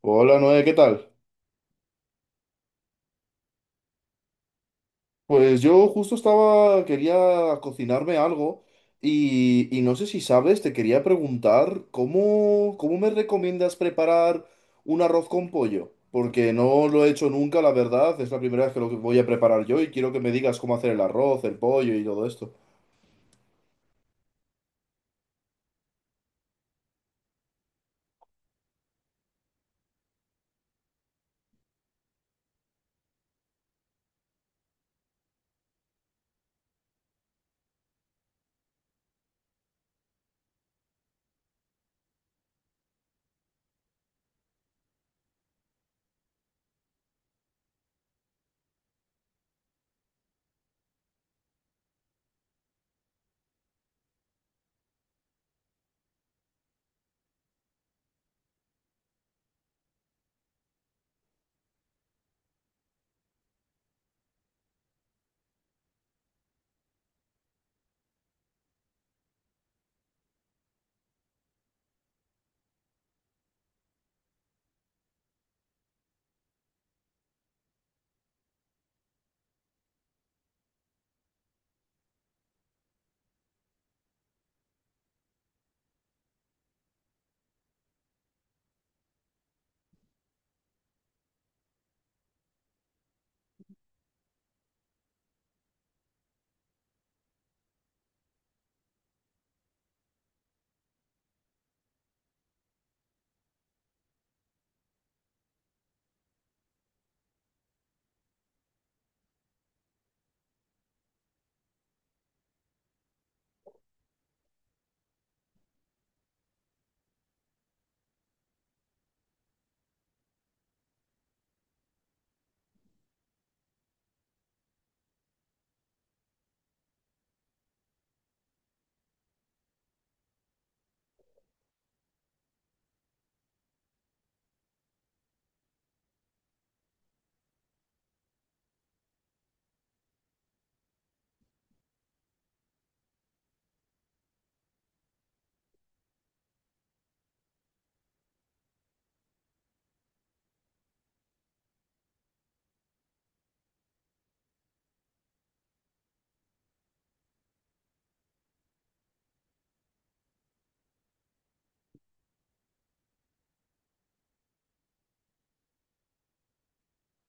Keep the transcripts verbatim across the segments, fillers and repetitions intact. Hola Noé, ¿qué tal? Pues yo justo estaba, quería cocinarme algo y, y no sé si sabes, te quería preguntar cómo, cómo me recomiendas preparar un arroz con pollo, porque no lo he hecho nunca, la verdad, es la primera vez que lo voy a preparar yo y quiero que me digas cómo hacer el arroz, el pollo y todo esto.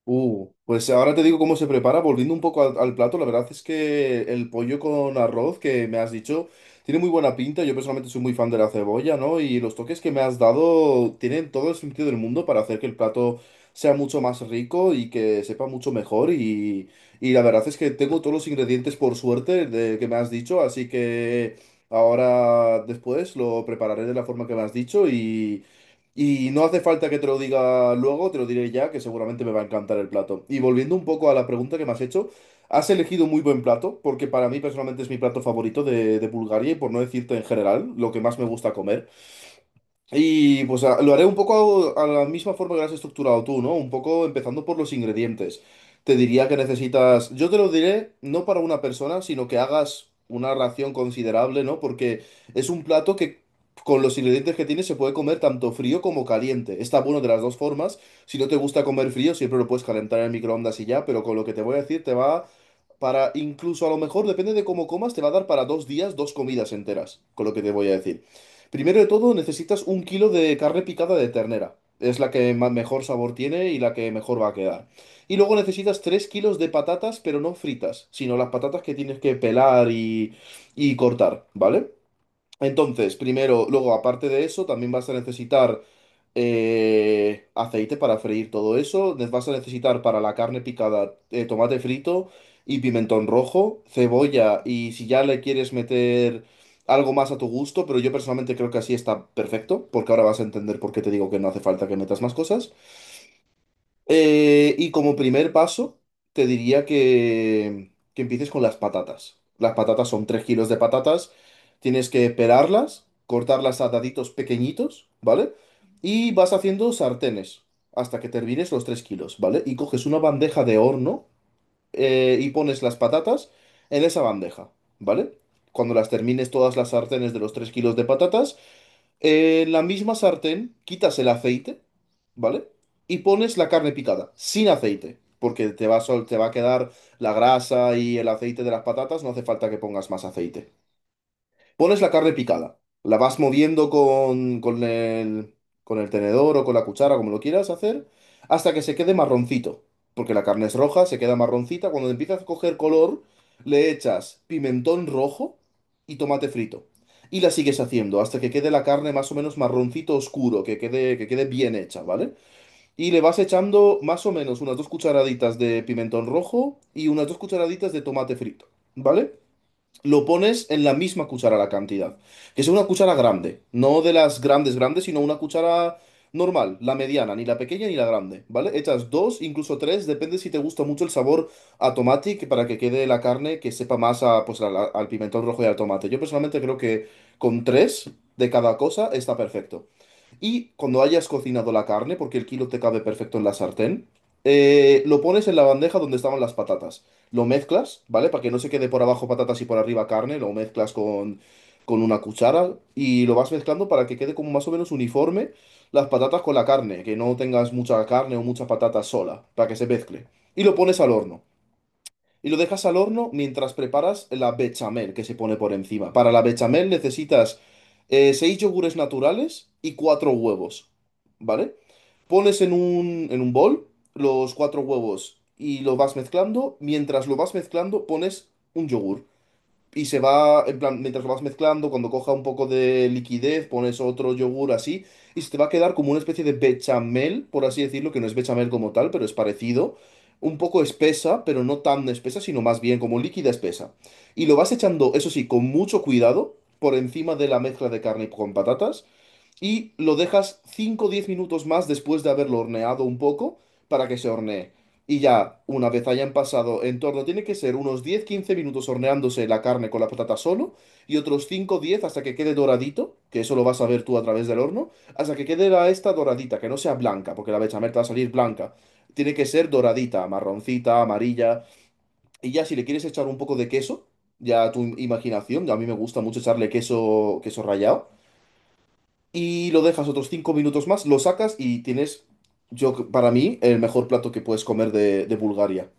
Uh, pues ahora te digo cómo se prepara, volviendo un poco al, al plato, la verdad es que el pollo con arroz que me has dicho tiene muy buena pinta, yo personalmente soy muy fan de la cebolla, ¿no? Y los toques que me has dado tienen todo el sentido del mundo para hacer que el plato sea mucho más rico y que sepa mucho mejor y, y la verdad es que tengo todos los ingredientes por suerte de que me has dicho, así que ahora después lo prepararé de la forma que me has dicho y no hace falta que te lo diga luego, te lo diré ya, que seguramente me va a encantar el plato. Y volviendo un poco a la pregunta que me has hecho, has elegido muy buen plato, porque para mí personalmente es mi plato favorito de, de Bulgaria y por no decirte en general, lo que más me gusta comer. Y pues a- lo haré un poco a, a la misma forma que lo has estructurado tú, ¿no? Un poco empezando por los ingredientes. Te diría que necesitas, yo te lo diré no para una persona, sino que hagas una ración considerable, ¿no? Porque es un plato que con los ingredientes que tiene se puede comer tanto frío como caliente. Está bueno de las dos formas. Si no te gusta comer frío, siempre lo puedes calentar en el microondas y ya, pero con lo que te voy a decir te va para, incluso a lo mejor, depende de cómo comas, te va a dar para dos días dos comidas enteras, con lo que te voy a decir. Primero de todo, necesitas un kilo de carne picada de ternera. Es la que ma- mejor sabor tiene y la que mejor va a quedar. Y luego necesitas tres kilos de patatas, pero no fritas, sino las patatas que tienes que pelar y, y cortar, ¿vale? Entonces, primero, luego, aparte de eso, también vas a necesitar eh, aceite para freír todo eso. Ne- Vas a necesitar para la carne picada eh, tomate frito y pimentón rojo, cebolla y si ya le quieres meter algo más a tu gusto, pero yo personalmente creo que así está perfecto, porque ahora vas a entender por qué te digo que no hace falta que metas más cosas. Eh, y como primer paso, te diría que, que empieces con las patatas. Las patatas son tres kilos de patatas. Tienes que pelarlas, cortarlas a daditos pequeñitos, ¿vale? Y vas haciendo sartenes hasta que te hervires los tres kilos, ¿vale? Y coges una bandeja de horno eh, y pones las patatas en esa bandeja, ¿vale? Cuando las termines todas las sartenes de los tres kilos de patatas, en la misma sartén quitas el aceite, ¿vale? Y pones la carne picada, sin aceite, porque te va a, sol- te va a quedar la grasa y el aceite de las patatas, no hace falta que pongas más aceite. Pones la carne picada, la vas moviendo con, con el, con el tenedor o con la cuchara, como lo quieras hacer, hasta que se quede marroncito. Porque la carne es roja, se queda marroncita. Cuando empieza a coger color, le echas pimentón rojo y tomate frito. Y la sigues haciendo hasta que quede la carne más o menos marroncito oscuro, que quede, que quede bien hecha, ¿vale? Y le vas echando más o menos unas dos cucharaditas de pimentón rojo y unas dos cucharaditas de tomate frito, ¿vale? Lo pones en la misma cuchara la cantidad. Que sea una cuchara grande. No de las grandes grandes, sino una cuchara normal, la mediana, ni la pequeña ni la grande, ¿vale? Echas dos, incluso tres, depende si te gusta mucho el sabor a tomate, que para que quede la carne que sepa más a, pues, al, al pimentón rojo y al tomate. Yo personalmente creo que con tres de cada cosa está perfecto. Y cuando hayas cocinado la carne, porque el kilo te cabe perfecto en la sartén, eh, lo pones en la bandeja donde estaban las patatas. Lo mezclas, ¿vale? Para que no se quede por abajo patatas y por arriba carne, lo mezclas con, con una cuchara y lo vas mezclando para que quede como más o menos uniforme las patatas con la carne, que no tengas mucha carne o mucha patata sola, para que se mezcle. Y lo pones al horno. Y lo dejas al horno mientras preparas la bechamel que se pone por encima. Para la bechamel necesitas eh, seis yogures naturales y cuatro huevos, ¿vale? Pones en un, en un bol los cuatro huevos y lo vas mezclando. Mientras lo vas mezclando, pones un yogur. Y se va, en plan, mientras lo vas mezclando, cuando coja un poco de liquidez, pones otro yogur así, y se te va a quedar como una especie de bechamel, por así decirlo, que no es bechamel como tal, pero es parecido. Un poco espesa, pero no tan espesa, sino más bien como líquida espesa. Y lo vas echando, eso sí, con mucho cuidado, por encima de la mezcla de carne con patatas, y lo dejas cinco o diez minutos más después de haberlo horneado un poco para que se hornee. Y ya, una vez hayan pasado en torno, tiene que ser unos diez quince minutos horneándose la carne con la patata solo y otros cinco diez hasta que quede doradito, que eso lo vas a ver tú a través del horno, hasta que quede la esta doradita, que no sea blanca, porque la bechamel te va a salir blanca. Tiene que ser doradita, marroncita, amarilla. Y ya si le quieres echar un poco de queso, ya a tu imaginación, a mí me gusta mucho echarle queso, queso rallado y lo dejas otros cinco minutos más, lo sacas y tienes, yo para mí, el mejor plato que puedes comer de, de Bulgaria.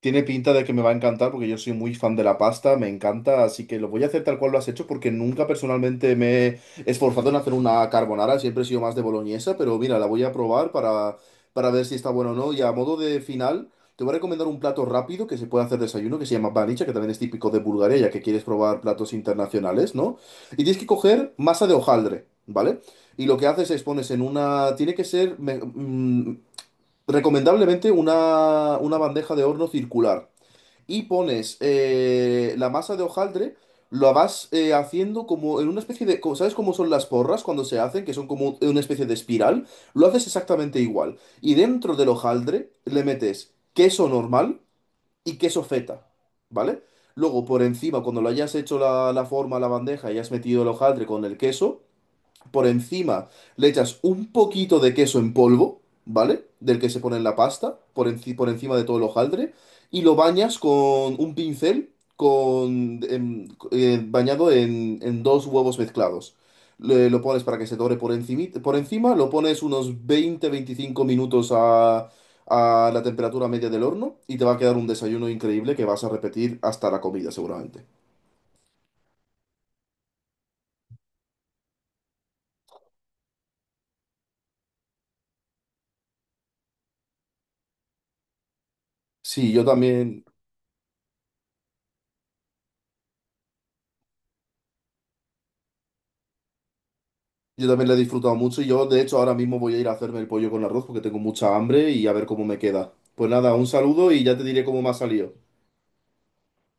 Tiene pinta de que me va a encantar porque yo soy muy fan de la pasta, me encanta, así que lo voy a hacer tal cual lo has hecho porque nunca personalmente me he esforzado en hacer una carbonara, siempre he sido más de boloñesa, pero mira, la voy a probar para, para ver si está bueno o no. Y a modo de final, te voy a recomendar un plato rápido que se puede hacer desayuno que se llama banicha, que también es típico de Bulgaria, ya que quieres probar platos internacionales, ¿no? Y tienes que coger masa de hojaldre, ¿vale? Y lo que haces es pones en una... Tiene que ser... me- mm, Recomendablemente una, una bandeja de horno circular y pones eh, la masa de hojaldre, lo vas eh, haciendo como en una especie de... como- ¿Sabes cómo son las porras cuando se hacen? Que son como una especie de espiral. Lo haces exactamente igual. Y dentro del hojaldre le metes queso normal y queso feta, ¿vale? Luego por encima, cuando lo hayas hecho la, la forma, la bandeja y has metido el hojaldre con el queso, por encima le echas un poquito de queso en polvo, ¿vale? Del que se pone en la pasta, por, enci- por encima de todo el hojaldre, y lo bañas con un pincel con, em, eh, bañado en, en dos huevos mezclados. Le- lo pones para que se dore por encima, por encima, lo pones unos veinte veinticinco minutos a, a la temperatura media del horno y te va a quedar un desayuno increíble que vas a repetir hasta la comida seguramente. Sí, yo también. Yo también la he disfrutado mucho y yo, de hecho, ahora mismo voy a ir a hacerme el pollo con arroz porque tengo mucha hambre y a ver cómo me queda. Pues nada, un saludo y ya te diré cómo me ha salido.